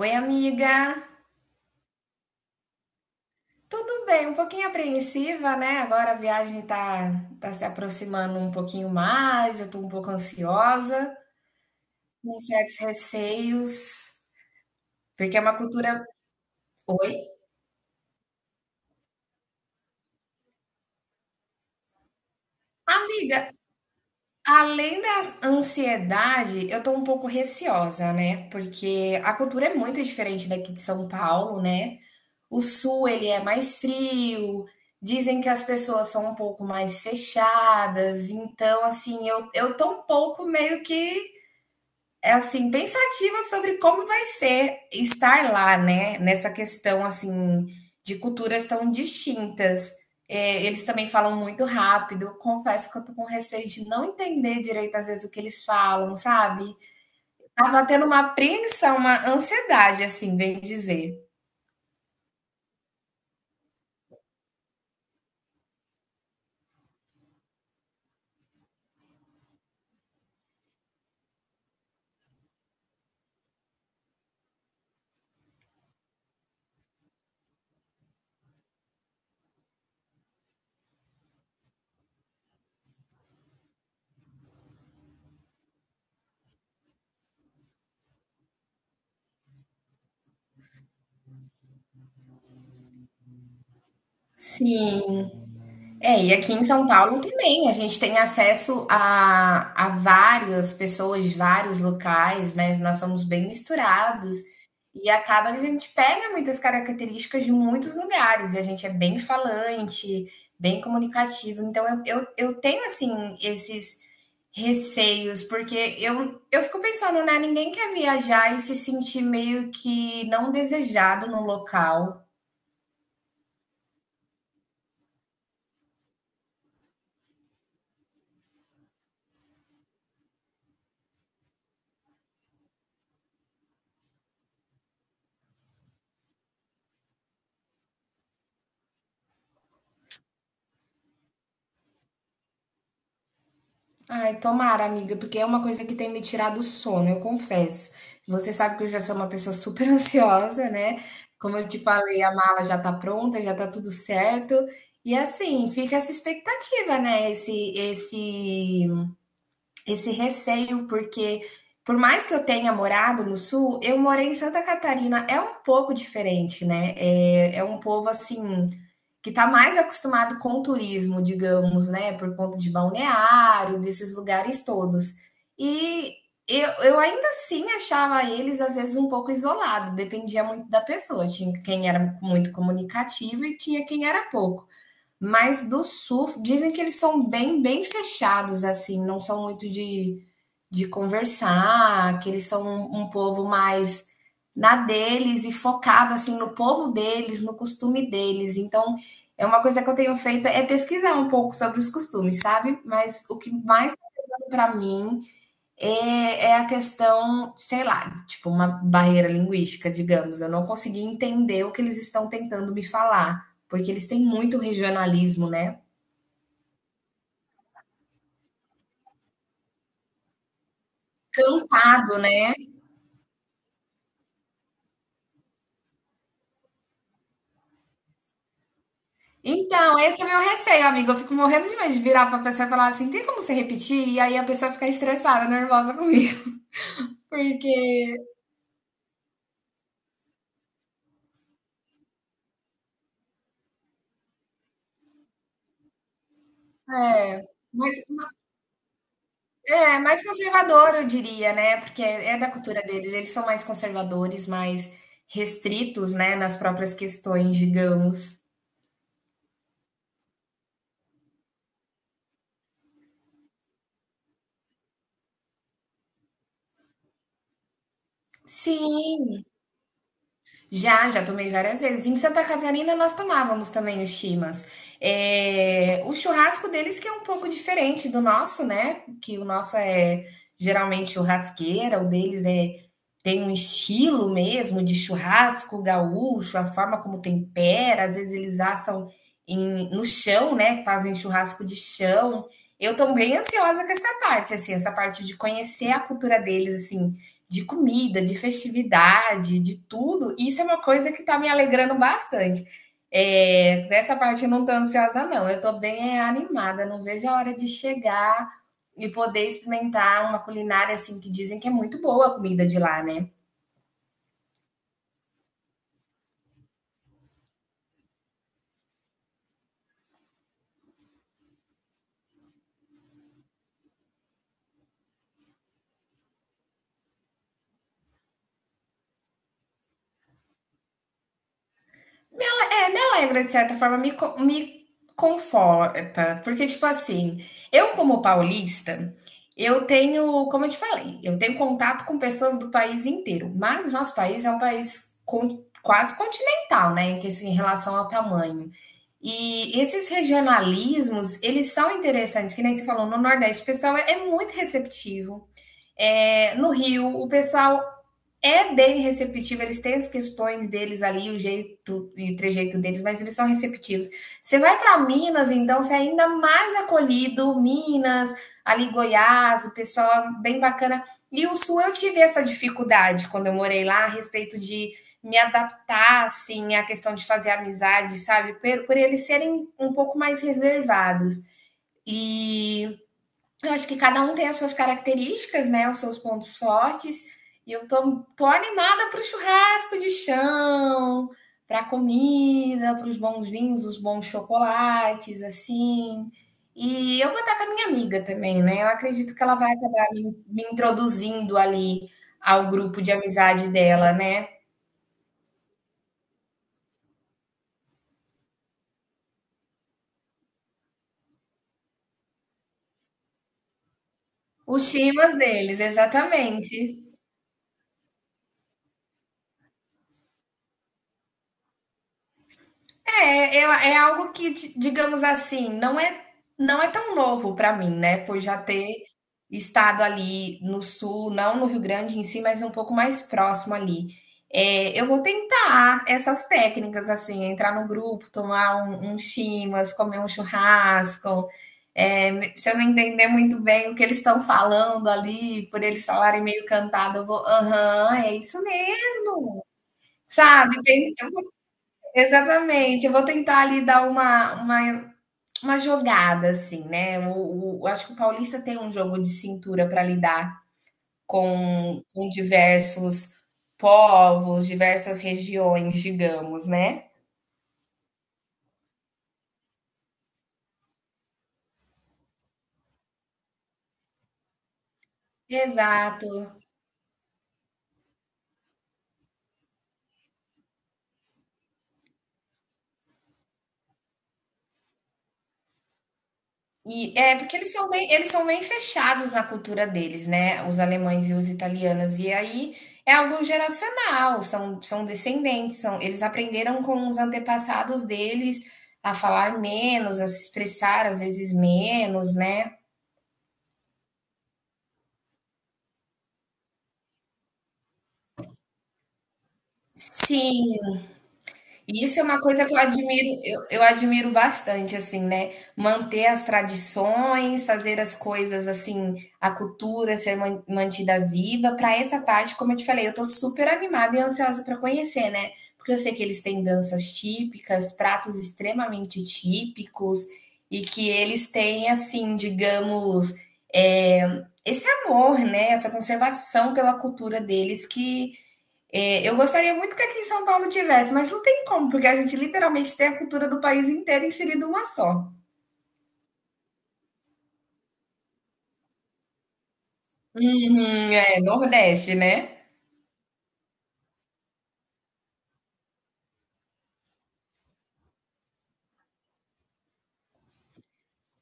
Oi, amiga. Tudo bem? Um pouquinho apreensiva, né? Agora a viagem tá, tá se aproximando um pouquinho mais, eu tô um pouco ansiosa, com certos receios, porque é uma cultura. Oi? Amiga, além da ansiedade, eu tô um pouco receosa, né? Porque a cultura é muito diferente daqui de São Paulo, né? O sul ele é mais frio, dizem que as pessoas são um pouco mais fechadas, então assim, eu tô um pouco meio que é assim, pensativa sobre como vai ser estar lá, né? Nessa questão assim de culturas tão distintas. É, eles também falam muito rápido. Confesso que eu tô com receio de não entender direito às vezes o que eles falam, sabe? Tava tendo uma apreensão, uma ansiedade, assim, bem dizer. Sim, é, e aqui em São Paulo também, a gente tem acesso a várias pessoas de vários locais, né? Nós somos bem misturados e acaba que a gente pega muitas características de muitos lugares e a gente é bem falante, bem comunicativo. Então eu tenho assim esses receios, porque eu fico pensando, né? Ninguém quer viajar e se sentir meio que não desejado num local. Ai, tomara, amiga, porque é uma coisa que tem me tirado o sono, eu confesso. Você sabe que eu já sou uma pessoa super ansiosa, né? Como eu te falei, a mala já tá pronta, já tá tudo certo. E assim, fica essa expectativa, né? Esse receio, porque por mais que eu tenha morado no sul, eu morei em Santa Catarina, é um pouco diferente, né? É um povo assim que está mais acostumado com o turismo, digamos, né, por conta de balneário, desses lugares todos. E eu ainda assim achava eles, às vezes, um pouco isolado, dependia muito da pessoa. Tinha quem era muito comunicativo e tinha quem era pouco. Mas do surf, dizem que eles são bem, bem fechados, assim, não são muito de conversar, que eles são um povo mais na deles e focado, assim, no povo deles, no costume deles. Então, é uma coisa que eu tenho feito é pesquisar um pouco sobre os costumes, sabe? Mas o que mais deu para mim é, é a questão, sei lá, tipo uma barreira linguística, digamos. Eu não consegui entender o que eles estão tentando me falar, porque eles têm muito regionalismo, né? Cantado, né? Então, esse é o meu receio, amigo. Eu fico morrendo de medo de virar pra pessoa e falar assim: tem como você repetir? E aí a pessoa fica estressada, nervosa comigo. Porque, é. Mas é, mais conservador, eu diria, né? Porque é da cultura deles, eles são mais conservadores, mais restritos, né, nas próprias questões, digamos. Sim, já, já tomei várias vezes. Em Santa Catarina nós tomávamos também os chimas. É, o churrasco deles que é um pouco diferente do nosso, né? Que o nosso é geralmente churrasqueira, o deles é tem um estilo mesmo de churrasco gaúcho, a forma como tempera, às vezes eles assam no chão, né? Fazem churrasco de chão. Eu tô bem ansiosa com essa parte, assim, essa parte de conhecer a cultura deles, assim, de comida, de festividade, de tudo. Isso é uma coisa que está me alegrando bastante. É, nessa parte eu não estou ansiosa, não. Eu estou bem é, animada, não vejo a hora de chegar e poder experimentar uma culinária assim que dizem que é muito boa a comida de lá, né? É, me alegra, de certa forma, me conforta. Porque, tipo assim, eu, como paulista, eu tenho, como eu te falei, eu tenho contato com pessoas do país inteiro. Mas o nosso país é um país quase continental, né? Em, que- assim, em relação ao tamanho. E esses regionalismos, eles são interessantes, que nem você falou, no Nordeste, o pessoal é muito receptivo. É, no Rio, o pessoal é bem receptivo, eles têm as questões deles ali, o jeito e o trejeito deles, mas eles são receptivos. Você vai para Minas, então você é ainda mais acolhido, Minas, ali Goiás, o pessoal é bem bacana. E o Sul eu tive essa dificuldade quando eu morei lá, a respeito de me adaptar, assim, à questão de fazer amizade, sabe? Por eles serem um pouco mais reservados. E eu acho que cada um tem as suas características, né? Os seus pontos fortes. E eu tô animada para o churrasco de chão, para a comida, para os bons vinhos, os bons chocolates, assim. E eu vou estar com a minha amiga também, né? Eu acredito que ela vai acabar me introduzindo ali ao grupo de amizade dela, né? Os chimas deles, exatamente. É, é algo que, digamos assim, não é, não é tão novo para mim, né? Foi já ter estado ali no sul, não no Rio Grande em si, mas um pouco mais próximo ali. É, eu vou tentar essas técnicas, assim, entrar no grupo, tomar um chimas, comer um churrasco. É, se eu não entender muito bem o que eles estão falando ali, por eles falarem meio cantado, eu vou, aham, é isso mesmo. Sabe? Exatamente, eu vou tentar ali dar uma jogada, assim, né, o acho que o paulista tem um jogo de cintura para lidar com diversos povos, diversas regiões, digamos, né. Exato. E é porque eles são bem fechados na cultura deles, né? Os alemães e os italianos. E aí é algo geracional, são, são descendentes, são, eles aprenderam com os antepassados deles a falar menos, a se expressar às vezes menos, né? Sim, e isso é uma coisa que eu admiro, eu admiro bastante, assim, né? Manter as tradições, fazer as coisas assim, a cultura ser mantida viva. Para essa parte, como eu te falei, eu tô super animada e ansiosa para conhecer, né? Porque eu sei que eles têm danças típicas, pratos extremamente típicos, e que eles têm, assim, digamos, é, esse amor, né? Essa conservação pela cultura deles que é, eu gostaria muito que aqui em São Paulo tivesse, mas não tem como, porque a gente literalmente tem a cultura do país inteiro inserida uma só. Uhum, é, Nordeste, né?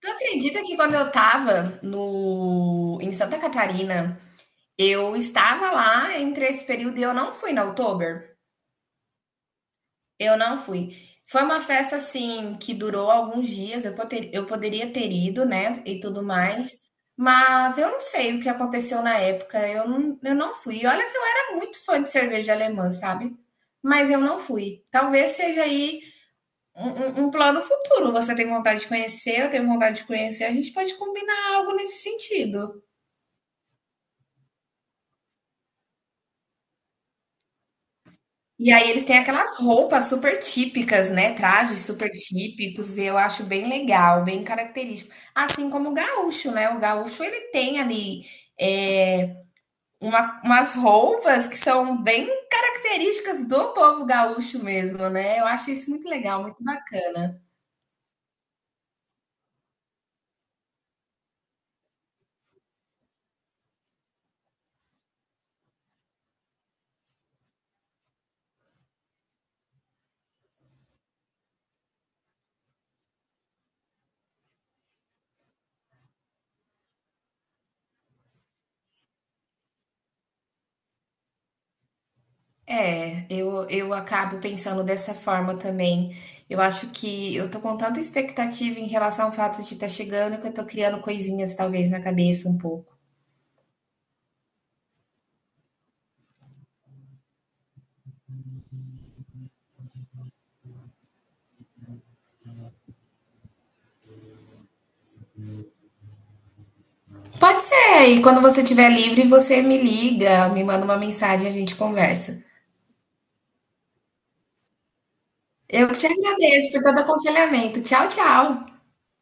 Tu acredita que quando eu tava no, em Santa Catarina, eu estava lá entre esse período e eu não fui na Oktober? Eu não fui. Foi uma festa assim que durou alguns dias. Eu, eu poderia ter ido, né? E tudo mais. Mas eu não sei o que aconteceu na época. Eu não fui. E olha que eu era muito fã de cerveja alemã, sabe? Mas eu não fui. Talvez seja aí um, um plano futuro. Você tem vontade de conhecer, eu tenho vontade de conhecer. A gente pode combinar algo nesse sentido. E aí eles têm aquelas roupas super típicas, né? Trajes super típicos, e eu acho bem legal, bem característico. Assim como o gaúcho, né? O gaúcho ele tem ali é, umas roupas que são bem características do povo gaúcho mesmo, né? Eu acho isso muito legal, muito bacana. É, eu acabo pensando dessa forma também. Eu acho que eu tô com tanta expectativa em relação ao fato de estar chegando que eu tô criando coisinhas talvez na cabeça um pouco. Pode ser, e quando você estiver livre, você me liga, me manda uma mensagem e a gente conversa. Eu que te agradeço por todo aconselhamento. Tchau, tchau.